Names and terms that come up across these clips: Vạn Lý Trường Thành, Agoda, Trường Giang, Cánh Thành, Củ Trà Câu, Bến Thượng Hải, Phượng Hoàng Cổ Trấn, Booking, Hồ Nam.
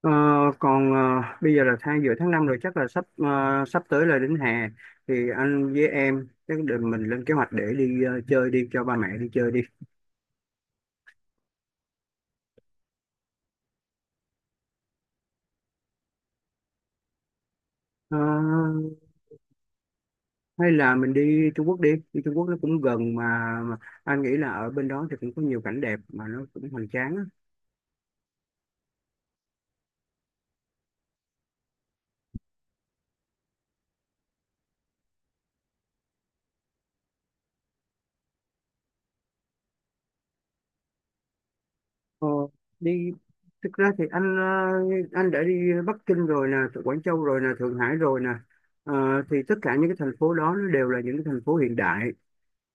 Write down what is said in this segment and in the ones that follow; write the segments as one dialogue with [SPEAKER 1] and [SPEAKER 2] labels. [SPEAKER 1] Ờ, còn ờ, bây giờ là giữa tháng 5 rồi, chắc là sắp tới là đến hè, thì anh với em chắc để mình lên kế hoạch để chơi, đi cho ba mẹ đi chơi đi. Ờ, Hay là mình đi Trung Quốc đi Đi Trung Quốc nó cũng gần mà anh nghĩ là ở bên đó thì cũng có nhiều cảnh đẹp mà nó cũng hoành tráng á. Ờ, đi Thực ra thì anh đã đi Bắc Kinh rồi nè, Quảng Châu rồi nè, Thượng Hải rồi nè. Ờ, thì tất cả những cái thành phố đó nó đều là những cái thành phố hiện đại,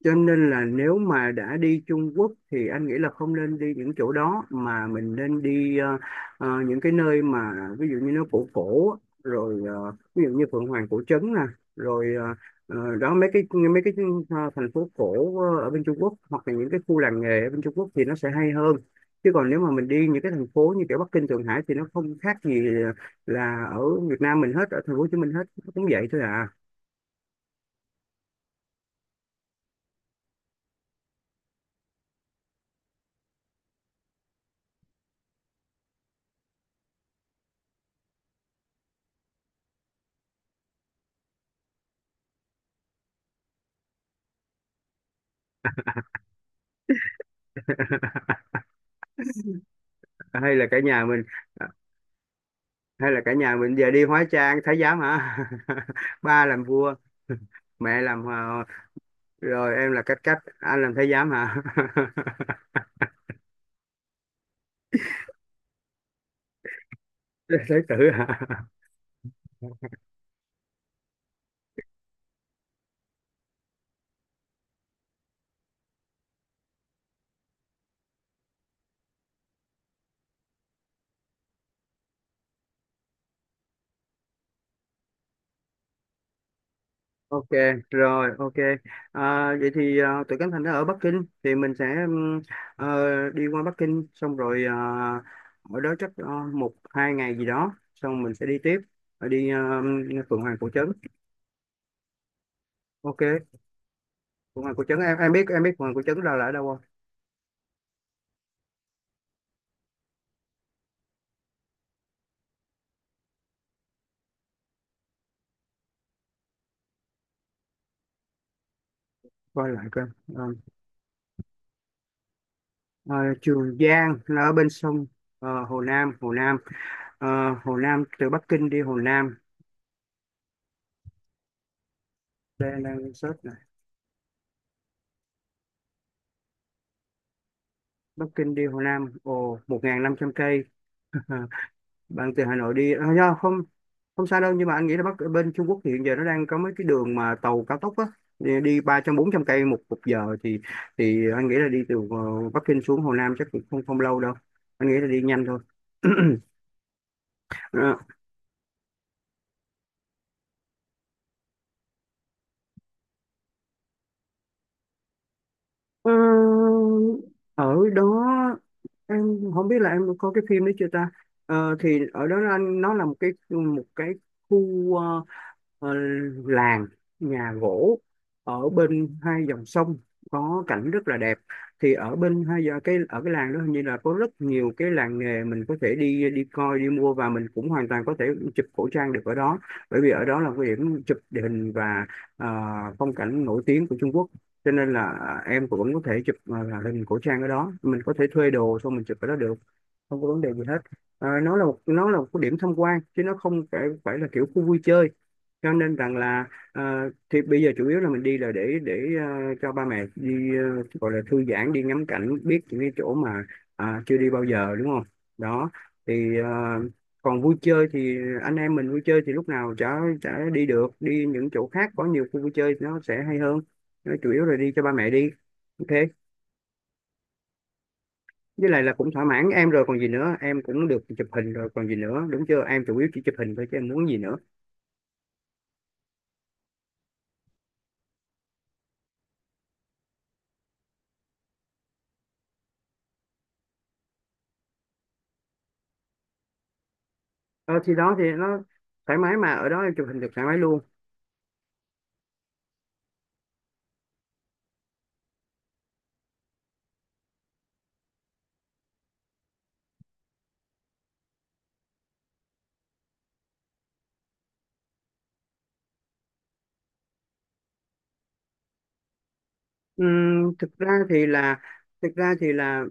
[SPEAKER 1] cho nên là nếu mà đã đi Trung Quốc thì anh nghĩ là không nên đi những chỗ đó mà mình nên đi những cái nơi mà ví dụ như nó cổ cổ, rồi ví dụ như Phượng Hoàng cổ trấn nè, rồi đó mấy cái thành phố cổ ở bên Trung Quốc hoặc là những cái khu làng nghề ở bên Trung Quốc thì nó sẽ hay hơn. Chứ còn nếu mà mình đi những cái thành phố như kiểu Bắc Kinh, Thượng Hải thì nó không khác gì là ở Việt Nam mình hết, ở thành phố Hồ Chí Minh hết nó cũng vậy thôi à. Hay là cả nhà mình ờ, hay là cả nhà mình giờ đi hóa trang thái giám hả? Ba làm vua, mẹ làm rồi em là cách cách, anh làm thái giám hả? Thái tử hả? Ok, rồi ok, à, vậy thì tụi Cánh Thành nó ở Bắc Kinh thì mình sẽ đi qua Bắc Kinh xong rồi ở đó chắc một hai ngày gì đó xong mình sẽ đi tiếp. Rồi đi Phượng Hoàng Cổ Trấn. Ok. Phượng Hoàng Cổ Trấn, em biết, em biết Phượng Hoàng Cổ Trấn đâu là ở đâu không? Coi lại coi. Ờ. Ờ, Trường Giang là ở bên sông. Hồ Nam, Hồ Nam. Ờ, Hồ Nam, từ Bắc Kinh đi Hồ Nam. Đây đang search này. Bắc Kinh đi Hồ Nam, ồ 1.500 cây. Bạn từ Hà Nội đi à, do không. Không xa đâu, nhưng mà anh nghĩ là Bắc bên Trung Quốc thì hiện giờ nó đang có mấy cái đường mà tàu cao tốc á, đi đi 300 400 cây một một giờ thì anh nghĩ là đi từ Bắc Kinh xuống Hồ Nam chắc cũng không không lâu đâu, anh nghĩ là đi nhanh thôi. Ờ, Ờ, Ở đó, em không biết là em có cái phim đấy chưa ta. Thì ở đó là nó là một cái khu ờ, làng nhà gỗ ở bên hai dòng sông có cảnh rất là đẹp. Thì ở bên hai giờ cái ở cái làng đó hình như là có rất nhiều cái làng nghề, mình có thể đi đi coi, đi mua, và mình cũng hoàn toàn có thể chụp cổ trang được ở đó, bởi vì ở đó là cái điểm chụp địa hình và ờ, phong cảnh nổi tiếng của Trung Quốc. Cho nên là à, em cũng vẫn có thể chụp, à, là lên cổ trang ở đó, mình có thể thuê đồ xong mình chụp ở đó được, không có vấn đề gì hết. À, nó là một cái điểm tham quan chứ nó không phải phải là kiểu khu vui chơi, cho nên rằng là ờ, thì bây giờ chủ yếu là mình đi là để cho ba mẹ đi gọi là thư giãn, đi ngắm cảnh, biết những cái chỗ mà à, chưa đi bao giờ, đúng không, đó. Thì còn vui chơi thì anh em mình vui chơi thì lúc nào chả chả đi được, đi những chỗ khác có nhiều khu vui chơi thì nó sẽ hay hơn, nó chủ yếu là đi cho ba mẹ đi. Ok. Với lại là cũng thỏa mãn em rồi còn gì nữa, em cũng được chụp hình rồi còn gì nữa, đúng chưa, em chủ yếu chỉ chụp hình thôi chứ em muốn gì nữa. Ờ, thì đó thì nó thoải mái mà, ở đó em chụp hình được thoải mái luôn. Ừm, thực ra thì là thực ra thì là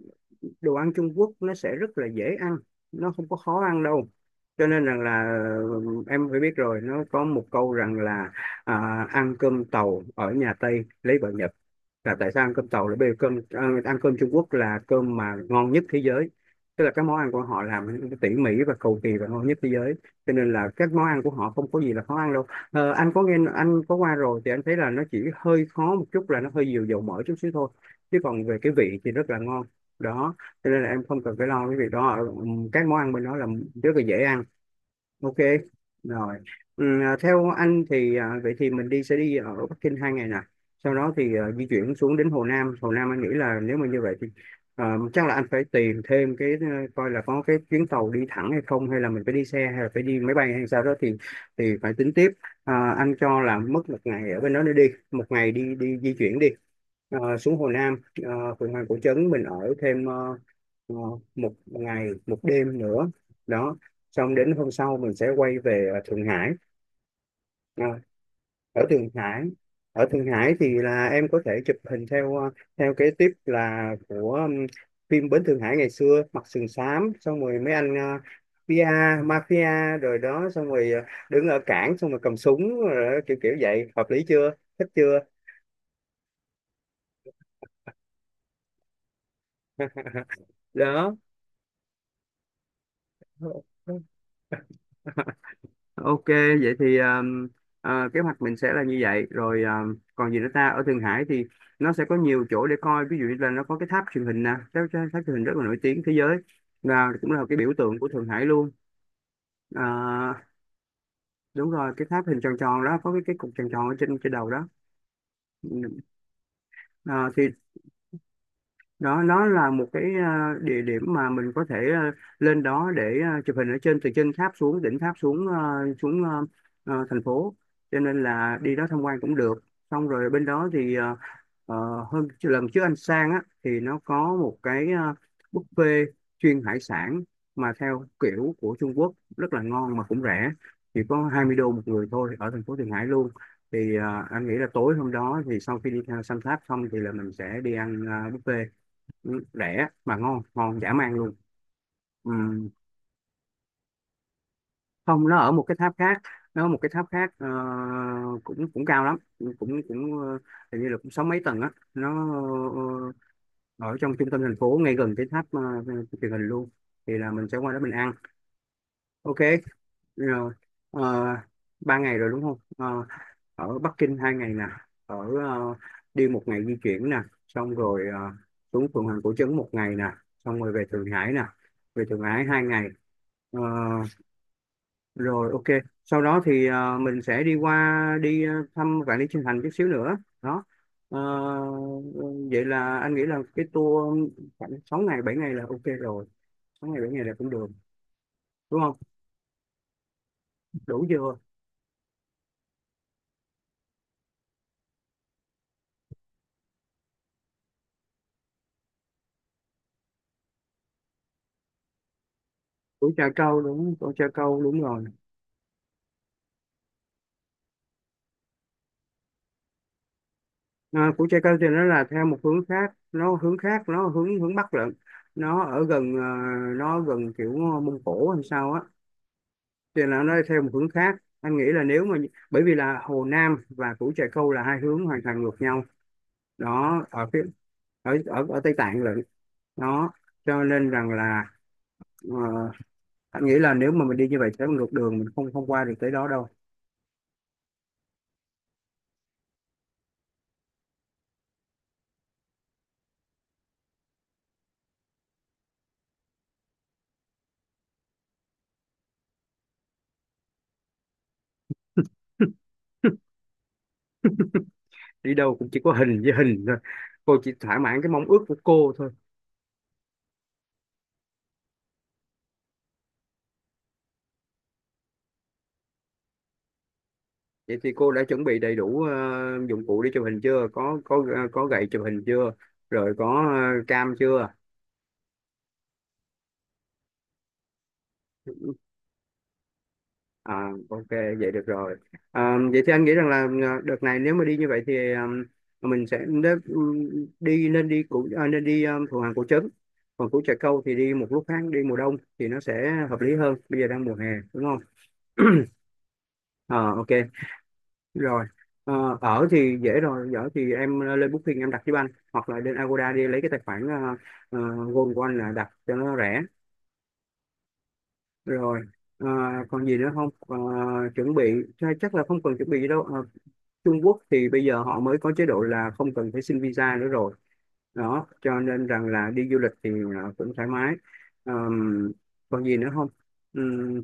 [SPEAKER 1] đồ ăn Trung Quốc nó sẽ rất là dễ ăn, nó không có khó ăn đâu, cho nên rằng là em phải biết rồi, nó có một câu rằng là à, ăn cơm tàu ở nhà Tây lấy vợ Nhật, là tại sao ăn cơm tàu, là bởi vì ăn cơm Trung Quốc là cơm mà ngon nhất thế giới, tức là các món ăn của họ làm tỉ mỉ và cầu kỳ và ngon nhất thế giới, cho nên là các món ăn của họ không có gì là khó ăn đâu. Ờ, anh có nghe, anh có qua rồi thì anh thấy là nó chỉ hơi khó một chút là nó hơi nhiều dầu mỡ chút xíu thôi, chứ còn về cái vị thì rất là ngon. Đó, cho nên là em không cần phải lo cái việc đó. Ờ, các món ăn bên đó là rất là dễ ăn. Ok rồi. Theo anh thì à, vậy thì mình sẽ đi ở Bắc Kinh 2 ngày nè, sau đó thì à, di chuyển xuống đến Hồ Nam. Hồ Nam anh nghĩ là nếu mà như vậy thì à, chắc là anh phải tìm thêm cái coi là có cái chuyến tàu đi thẳng hay không, hay là mình phải đi xe, hay là phải đi máy bay hay sao đó thì phải tính tiếp. À, anh cho là mất một ngày ở bên đó để đi, một ngày đi đi di chuyển đi. Ờ, xuống Hồ Nam. Uh, Phượng Hoàng Cổ Trấn mình ở thêm ờ, một ngày một đêm nữa, đó. Xong đến hôm sau mình sẽ quay về Thượng Hải. Ờ, Ở Thượng Hải, ở Thượng Hải thì là em có thể chụp hình theo kế tiếp là của phim Bến Thượng Hải ngày xưa, mặc sừng xám xong rồi mấy Mafia, mafia rồi đó, xong rồi đứng ở cảng xong rồi cầm súng rồi đó, kiểu kiểu vậy, hợp lý chưa, thích chưa, đó. Ok, vậy thì kế hoạch mình sẽ là như vậy. Rồi còn gì nữa ta? Ở Thượng Hải thì nó sẽ có nhiều chỗ để coi. Ví dụ như là nó có cái tháp truyền hình nè, tháp, tháp tháp truyền hình rất là nổi tiếng thế giới, là cũng là cái biểu tượng của Thượng Hải luôn. À, đúng rồi, cái tháp hình tròn tròn đó, có cái cục tròn tròn ở trên trên đầu đó. Ừ. À, thì đó, nó là một cái địa điểm mà mình có thể lên đó để chụp hình ở trên, từ trên tháp xuống, đỉnh tháp xuống xuống thành phố, cho nên là đi đó tham quan cũng được. Xong rồi bên đó thì ờ, hôm lần trước anh sang á thì nó có một cái buffet chuyên hải sản mà theo kiểu của Trung Quốc rất là ngon mà cũng rẻ, chỉ có 20 đô một người thôi, ở thành phố Thượng Hải luôn. Thì anh nghĩ là tối hôm đó thì sau khi đi theo Sun Tháp xong thì là mình sẽ đi buffet. Ừ, rẻ mà ngon, ngon dã man luôn. Ừ. Không, nó ở một cái tháp khác. Nó ở một cái tháp khác ờ, cũng cũng cao lắm, cũng cũng ờ, hình như là cũng sáu mấy tầng á nó, ờ, ở trong trung tâm thành phố ngay gần cái tháp truyền hình luôn. Thì là mình sẽ qua đó mình ăn. Ok, rồi. ờ, Ba ngày rồi đúng không? Ờ, Ở Bắc Kinh hai ngày nè, ở ờ, đi một ngày di chuyển nè, xong rồi xuống phường Hoàng Cổ Trấn một ngày nè, xong rồi về Thượng Hải nè, về Thượng Hải hai ngày. Ờ, Rồi, ok. Sau đó thì mình sẽ đi qua đi thăm Vạn Lý Trường Thành chút xíu nữa. Đó. Ờ, Vậy là anh nghĩ là cái tour khoảng 6 ngày 7 ngày là ok rồi, 6 ngày 7 ngày là cũng được, đúng không? Đủ chưa? Củ Trà Câu, đúng, Củ Trà Câu đúng rồi. À, Củ Trà Câu thì nó là theo một hướng khác, nó hướng khác, nó hướng hướng Bắc lận. Nó ở gần nó gần kiểu Mông Cổ hay sao á, thì là nó theo một hướng khác. Anh nghĩ là nếu mà, bởi vì là Hồ Nam và Củ Trà Câu là hai hướng hoàn toàn ngược nhau, đó ở phía ở ở, ở Tây Tạng lận. Đó, cho nên rằng là ờ, anh nghĩ là nếu mà mình đi như vậy sẽ ngược đường, mình không không qua được tới đó đâu. Đi đâu cũng chỉ có hình với hình thôi, cô chỉ thỏa mãn cái mong ước của cô thôi. Vậy thì cô đã chuẩn bị đầy đủ dụng cụ đi chụp hình chưa? Có có có gậy chụp hình chưa? Rồi, có cam chưa? À, ok, vậy được rồi. À, vậy thì anh nghĩ rằng là à, đợt này nếu mà đi như vậy thì à, mình sẽ đế- đi, nên đi củ, à, nên đi à, Thuận Hoàng Cổ Trấn, còn Củ Trà Câu thì đi một lúc khác, đi mùa đông thì nó sẽ hợp lý hơn, bây giờ đang mùa hè, đúng không? Ờ, ok, rồi. Ở thì dễ rồi, ở thì em lên Booking em đặt giúp anh, hoặc là lên Agoda đi lấy cái tài khoản Gold của anh là đặt cho nó rẻ. Rồi. Ờ, Còn gì nữa không? Ờ, Chuẩn bị, chắc là không cần chuẩn bị gì đâu. Ờ, Trung Quốc thì bây giờ họ mới có chế độ là không cần phải xin visa nữa rồi, đó cho nên rằng là đi du lịch thì à, cũng thoải mái. Ờm, Còn gì nữa không? Ừm,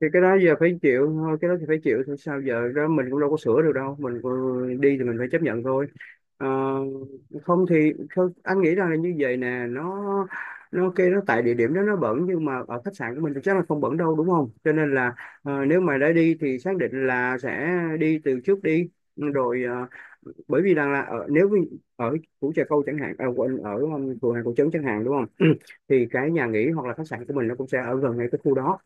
[SPEAKER 1] thì cái đó giờ phải chịu thôi, cái đó thì phải chịu thôi, sao giờ, đó mình cũng đâu có sửa được đâu, mình cũng- đi thì mình phải chấp nhận thôi. Ờ, Không thì không, anh nghĩ rằng là như vậy nè, nó kêu nó tại địa điểm đó nó bẩn, nhưng mà ở khách sạn của mình thì chắc là không bẩn đâu, đúng không, cho nên là nếu mà đã đi thì xác định là sẽ đi từ trước đi. Rồi bởi vì rằng là ở, nếu như ở Củ Trà Câu chẳng hạn, à, quên, ở phường Hàng Cầu Trấn chẳng hạn, đúng không? Thì cái nhà nghỉ hoặc là khách sạn của mình nó cũng sẽ ở gần ngay cái khu đó,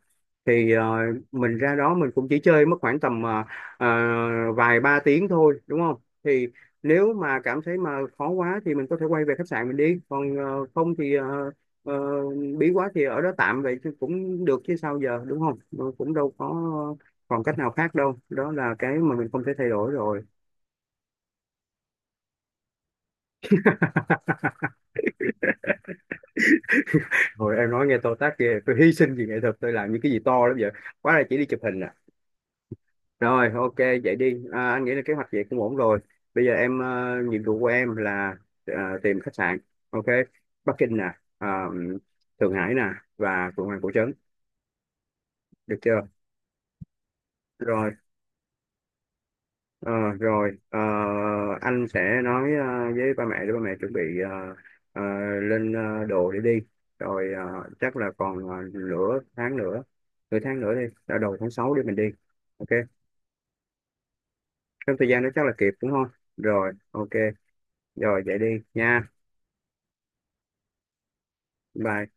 [SPEAKER 1] thì mình ra đó mình cũng chỉ chơi mất khoảng tầm ờ, vài ba tiếng thôi, đúng không? Thì nếu mà cảm thấy mà khó quá thì mình có thể quay về khách sạn mình đi, còn không thì ờ, bí quá thì ở đó tạm vậy chứ cũng được chứ sao giờ, đúng không? Ừ, cũng đâu có còn cách nào khác đâu, đó là cái mà mình không thể thay đổi rồi. Hồi em nói nghe to tát ghê, tôi hy sinh vì nghệ thuật, tôi làm những cái gì to lắm vậy, quá là chỉ đi chụp hình à. Rồi, ok, vậy đi. À, anh nghĩ là kế hoạch vậy cũng ổn rồi. Bây giờ em, nhiệm vụ của em là ờ, tìm khách sạn. Ok, Bắc Kinh nè, ờ, Thượng Hải nè, và Phượng Hoàng Cổ Trấn. Được chưa? Rồi, ờ, rồi, anh sẽ nói với ba mẹ để ba mẹ chuẩn bị ờ, ờ, lên đồ để đi. Rồi chắc là còn nửa tháng nữa đi, là đầu tháng 6 để mình đi. Ok, trong thời gian đó chắc là kịp đúng không? Rồi, ok, rồi vậy đi nha. Bye.